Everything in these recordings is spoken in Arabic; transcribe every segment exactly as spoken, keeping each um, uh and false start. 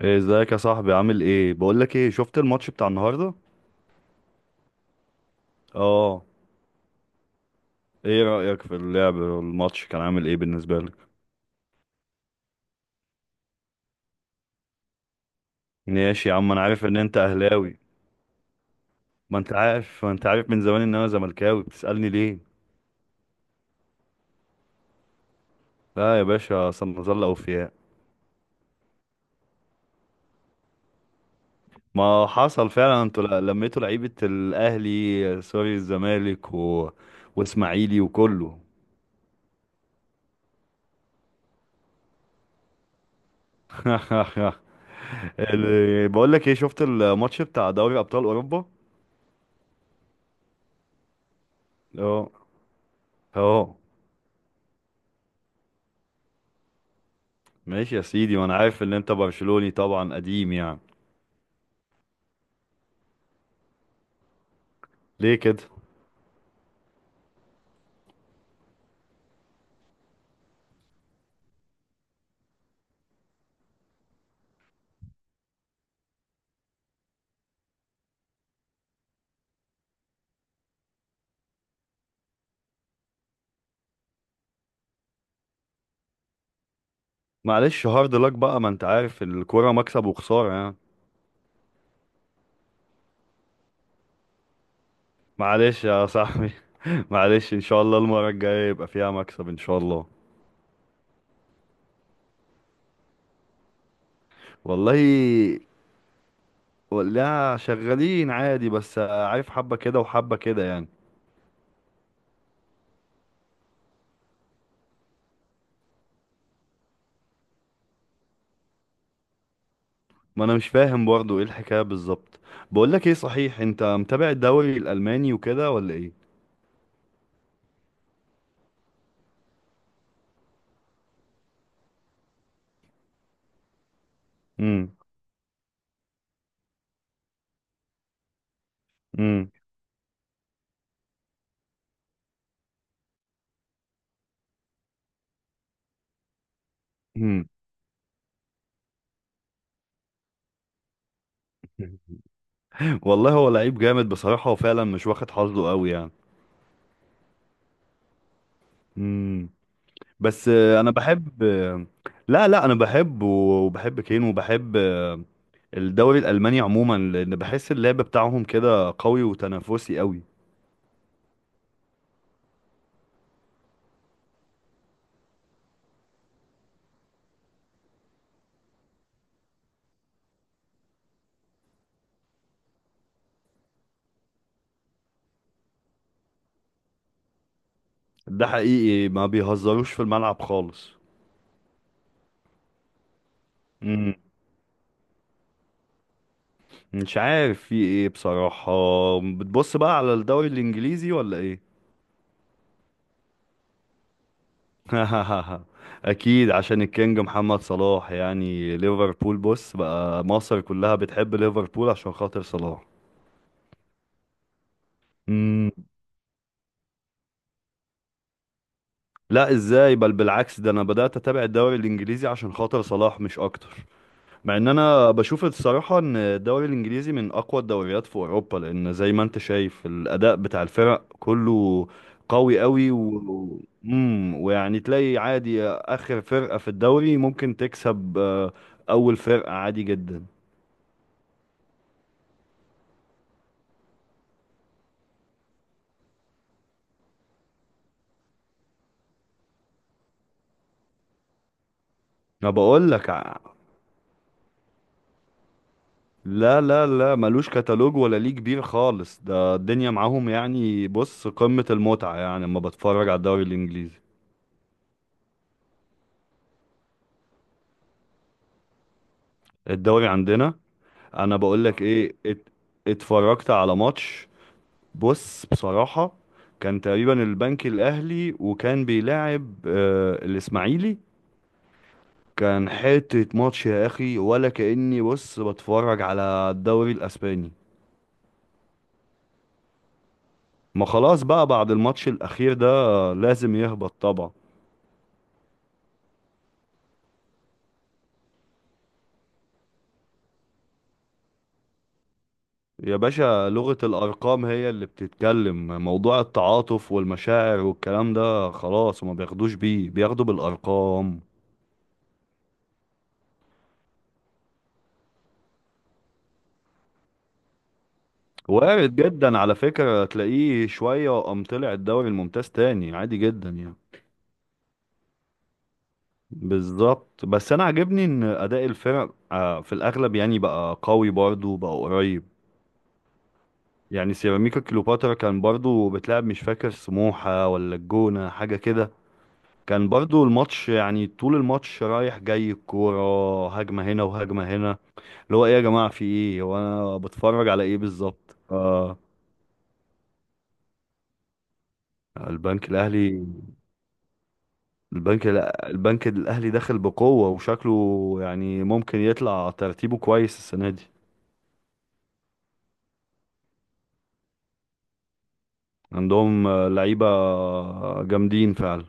إيه، ازيك يا صاحبي؟ عامل ايه؟ بقولك ايه، شفت الماتش بتاع النهارده؟ اه. ايه رأيك في اللعب، الماتش كان عامل ايه بالنسبه لك؟ ماشي يا عم، انا عارف ان انت اهلاوي. ما انت عارف ما انت عارف من زمان ان انا زملكاوي، بتسألني ليه؟ لا يا باشا، اصل نظل اوفياء. ما حصل فعلا، انتوا ل- لميتوا لعيبه الاهلي، سوري الزمالك و... واسماعيلي وكله. ال- بقولك ايه، شفت الماتش بتاع دوري ابطال اوروبا؟ اه. اه. ماشي يا سيدي، وانا عارف ان انت برشلوني طبعا، قديم يعني. ليه كده؟ معلش، هارد لك بقى، ما انت عارف الكوره مكسب وخساره يعني. معلش يا صاحبي. معلش، ان شاء الله المره الجايه يبقى فيها مكسب ان شاء الله. والله، ولا شغالين عادي، بس عارف حبه كده وحبه كده يعني. ما انا مش فاهم برضو ايه الحكايه بالظبط. بقول لك ايه، صحيح انت متابع الدوري الالماني وكده ولا ايه؟ امم. امم. والله، هو لعيب جامد بصراحه وفعلا مش واخد حظه قوي يعني. امم. بس آه، انا بحب، آه، لا لا، انا بحب وبحب كين وبحب، آه، الدوري الالماني عموما، لان بحس اللعب بتاعهم كده قوي وتنافسي قوي. ده حقيقي، ما بيهزروش في الملعب خالص. امم. مش عارف في ايه بصراحة. بتبص بقى على الدوري الانجليزي ولا ايه؟ اكيد عشان الكينج محمد صلاح يعني، ليفربول بص بقى مصر كلها بتحب ليفربول عشان خاطر صلاح. لا ازاي؟ بل بالعكس، ده انا بدأت اتابع الدوري الانجليزي عشان خاطر صلاح مش اكتر. مع ان انا بشوف الصراحة ان الدوري الانجليزي من اقوى الدوريات في اوروبا، لان زي ما انت شايف الاداء بتاع الفرق كله قوي قوي. و... امم. ويعني تلاقي عادي اخر فرقة في الدوري ممكن تكسب، آه، اول فرقة عادي جدا. ما بقول لك. لا لا لا، ملوش كتالوج ولا ليه كبير خالص، ده الدنيا معاهم يعني، بص قمة المتعة يعني لما بتفرج على الدوري الإنجليزي. الدوري عندنا، انا بقول لك ايه، ات- اتفرجت على ماتش. بص بصراحة، كان تقريبا البنك الاهلي وكان بيلاعب آه الاسماعيلي. كان حتة ماتش يا اخي، ولا كأني بص بتفرج على الدوري الاسباني. ما خلاص بقى، بعد الماتش الاخير ده لازم يهبط طبعا. يا باشا، لغة الارقام هي اللي بتتكلم، موضوع التعاطف والمشاعر والكلام ده خلاص وما بياخدوش بيه، بياخدوا بالارقام. وارد جدا على فكرة، تلاقيه شوية وقام طلع الدوري الممتاز تاني عادي جدا يعني. بالظبط، بس انا عاجبني ان اداء الفرق آه، في الاغلب يعني بقى قوي برضه، بقى قريب. يعني سيراميكا كليوباترا كان برضه بتلعب مش فاكر سموحة ولا الجونة حاجة كده. كان برضه الماتش يعني، طول الماتش رايح جاي الكورة هجمة هنا وهجمة هنا، اللي هو ايه يا جماعة، في ايه وانا بتفرج على ايه بالظبط؟ آه. البنك الاهلي. البنك لا البنك الاهلي داخل بقوه، وشكله يعني ممكن يطلع ترتيبه كويس السنه دي. عندهم آه، لعيبه آه، جامدين فعلا.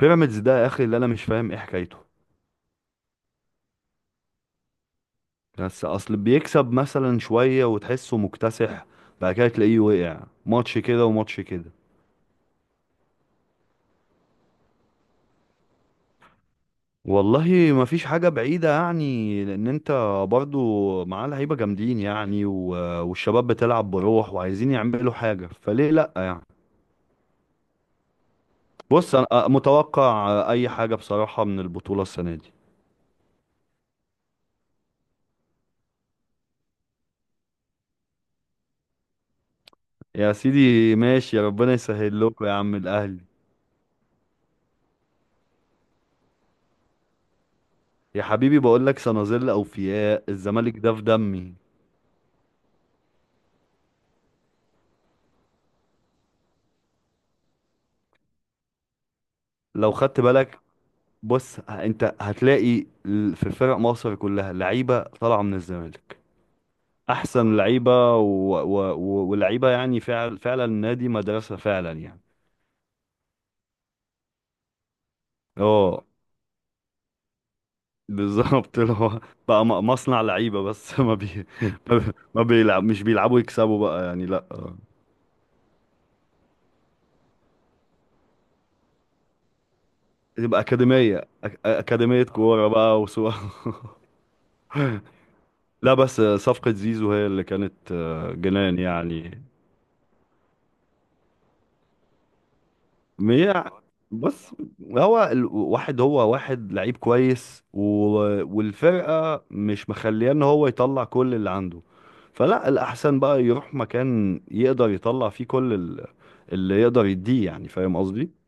بيراميدز ده يا اخي اللي انا مش فاهم ايه حكايته. بس اصل بيكسب مثلا شويه وتحسه مكتسح، بعد كده تلاقيه وقع ماتش كده وماتش كده. والله ما فيش حاجه بعيده يعني، لان انت برضو معاه لعيبه جامدين يعني و- والشباب بتلعب بروح وعايزين يعملوا حاجه، فليه لا يعني. بص انا آه، متوقع آه، اي حاجه بصراحه من البطوله السنه دي. يا سيدي ماشي، يا ربنا يسهل لكم يا عم الاهلي. يا حبيبي، بقول لك سنظل اوفياء، الزمالك ده في دمي. لو خدت بالك، بص، ه- انت هتلاقي ال- في فرق مصر كلها لعيبه طالعه من الزمالك. احسن لعيبه و... و... و... ولعيبه، يعني فعل فعلا النادي مدرسه فعلا يعني. اه. بالظبط، اللي هو بقى م- مصنع لعيبة بس. ما بي ما بيلعب، مش بيلعبوا يكسبوا بقى يعني لا. تبقى أكاديمية، أك- أكاديمية كورة بقى وسوا. لا بس صفقة زيزو هي اللي كانت آه، جنان يعني. هي بص هو الواحد هو واحد لعيب كويس و- والفرقة مش مخليه ان هو يطلع كل اللي عنده، فلا الأحسن بقى يروح مكان يقدر يطلع فيه كل ال- اللي يقدر يديه يعني، فاهم قصدي؟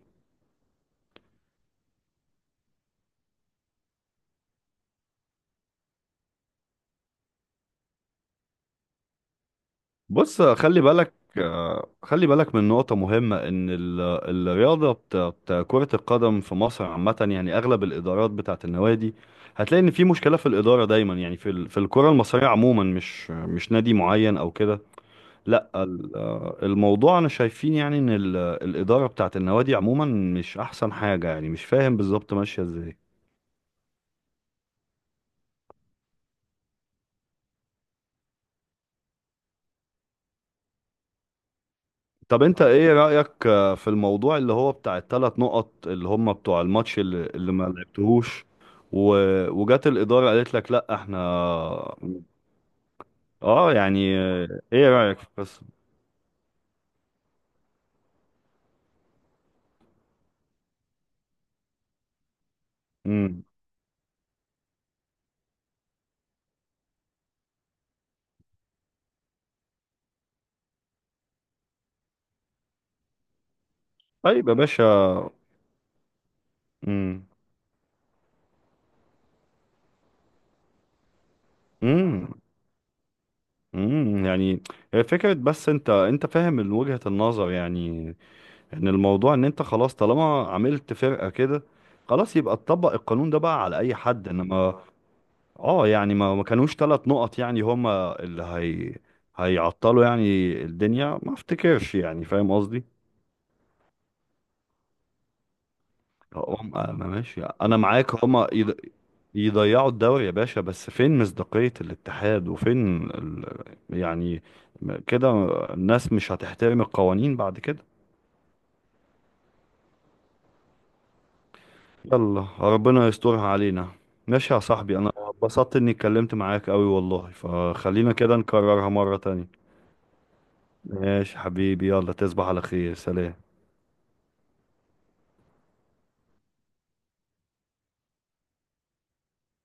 بص خلي بالك، آه، خلي بالك من نقطة مهمة، إن ال- الرياضة بتاعت كرة القدم في مصر عامة، يعني أغلب الإدارات بتاعت النوادي هتلاقي إن في مشكلة في الإدارة دايما، يعني في ال- في الكرة المصرية عموما، مش مش نادي معين أو كده. لا ال- آه، الموضوع أنا شايفين يعني إن ال- الإدارة بتاعت النوادي عموما مش أحسن حاجة يعني، مش فاهم بالظبط ماشية إزاي. طب انت ايه رأيك آه، في الموضوع اللي هو بتاع الثلاث نقط اللي هم بتوع الماتش، اللي, اللي ما لعبتهوش، و... وجات الإدارة قالت لك لا احنا. اه يعني، آه، ايه رأيك في بس. امم. طيب يا باشا. امم. امم. امم يعني، هي فكرة، بس انت انت فاهم من وجهة النظر يعني، ان الموضوع ان انت خلاص طالما عملت فرقة كده، خلاص يبقى تطبق القانون ده بقى على اي حد انما. اه يعني، ما ما كانوش ثلاث نقط يعني، هما اللي هي هيعطلوا يعني الدنيا، ما افتكرش يعني، فاهم قصدي؟ هم آه، ما ماشي انا معاك، هما يض- يضيعوا الدوري يا باشا، بس فين مصداقية الاتحاد وفين ال... يعني م- كده الناس مش هتحترم القوانين بعد كده. يلا ربنا يسترها علينا. ماشي يا صاحبي، انا اتبسطت اني اتكلمت معاك قوي والله، فخلينا كده نكررها مرة تانية. ماشي حبيبي، يلا تصبح على خير، سلام.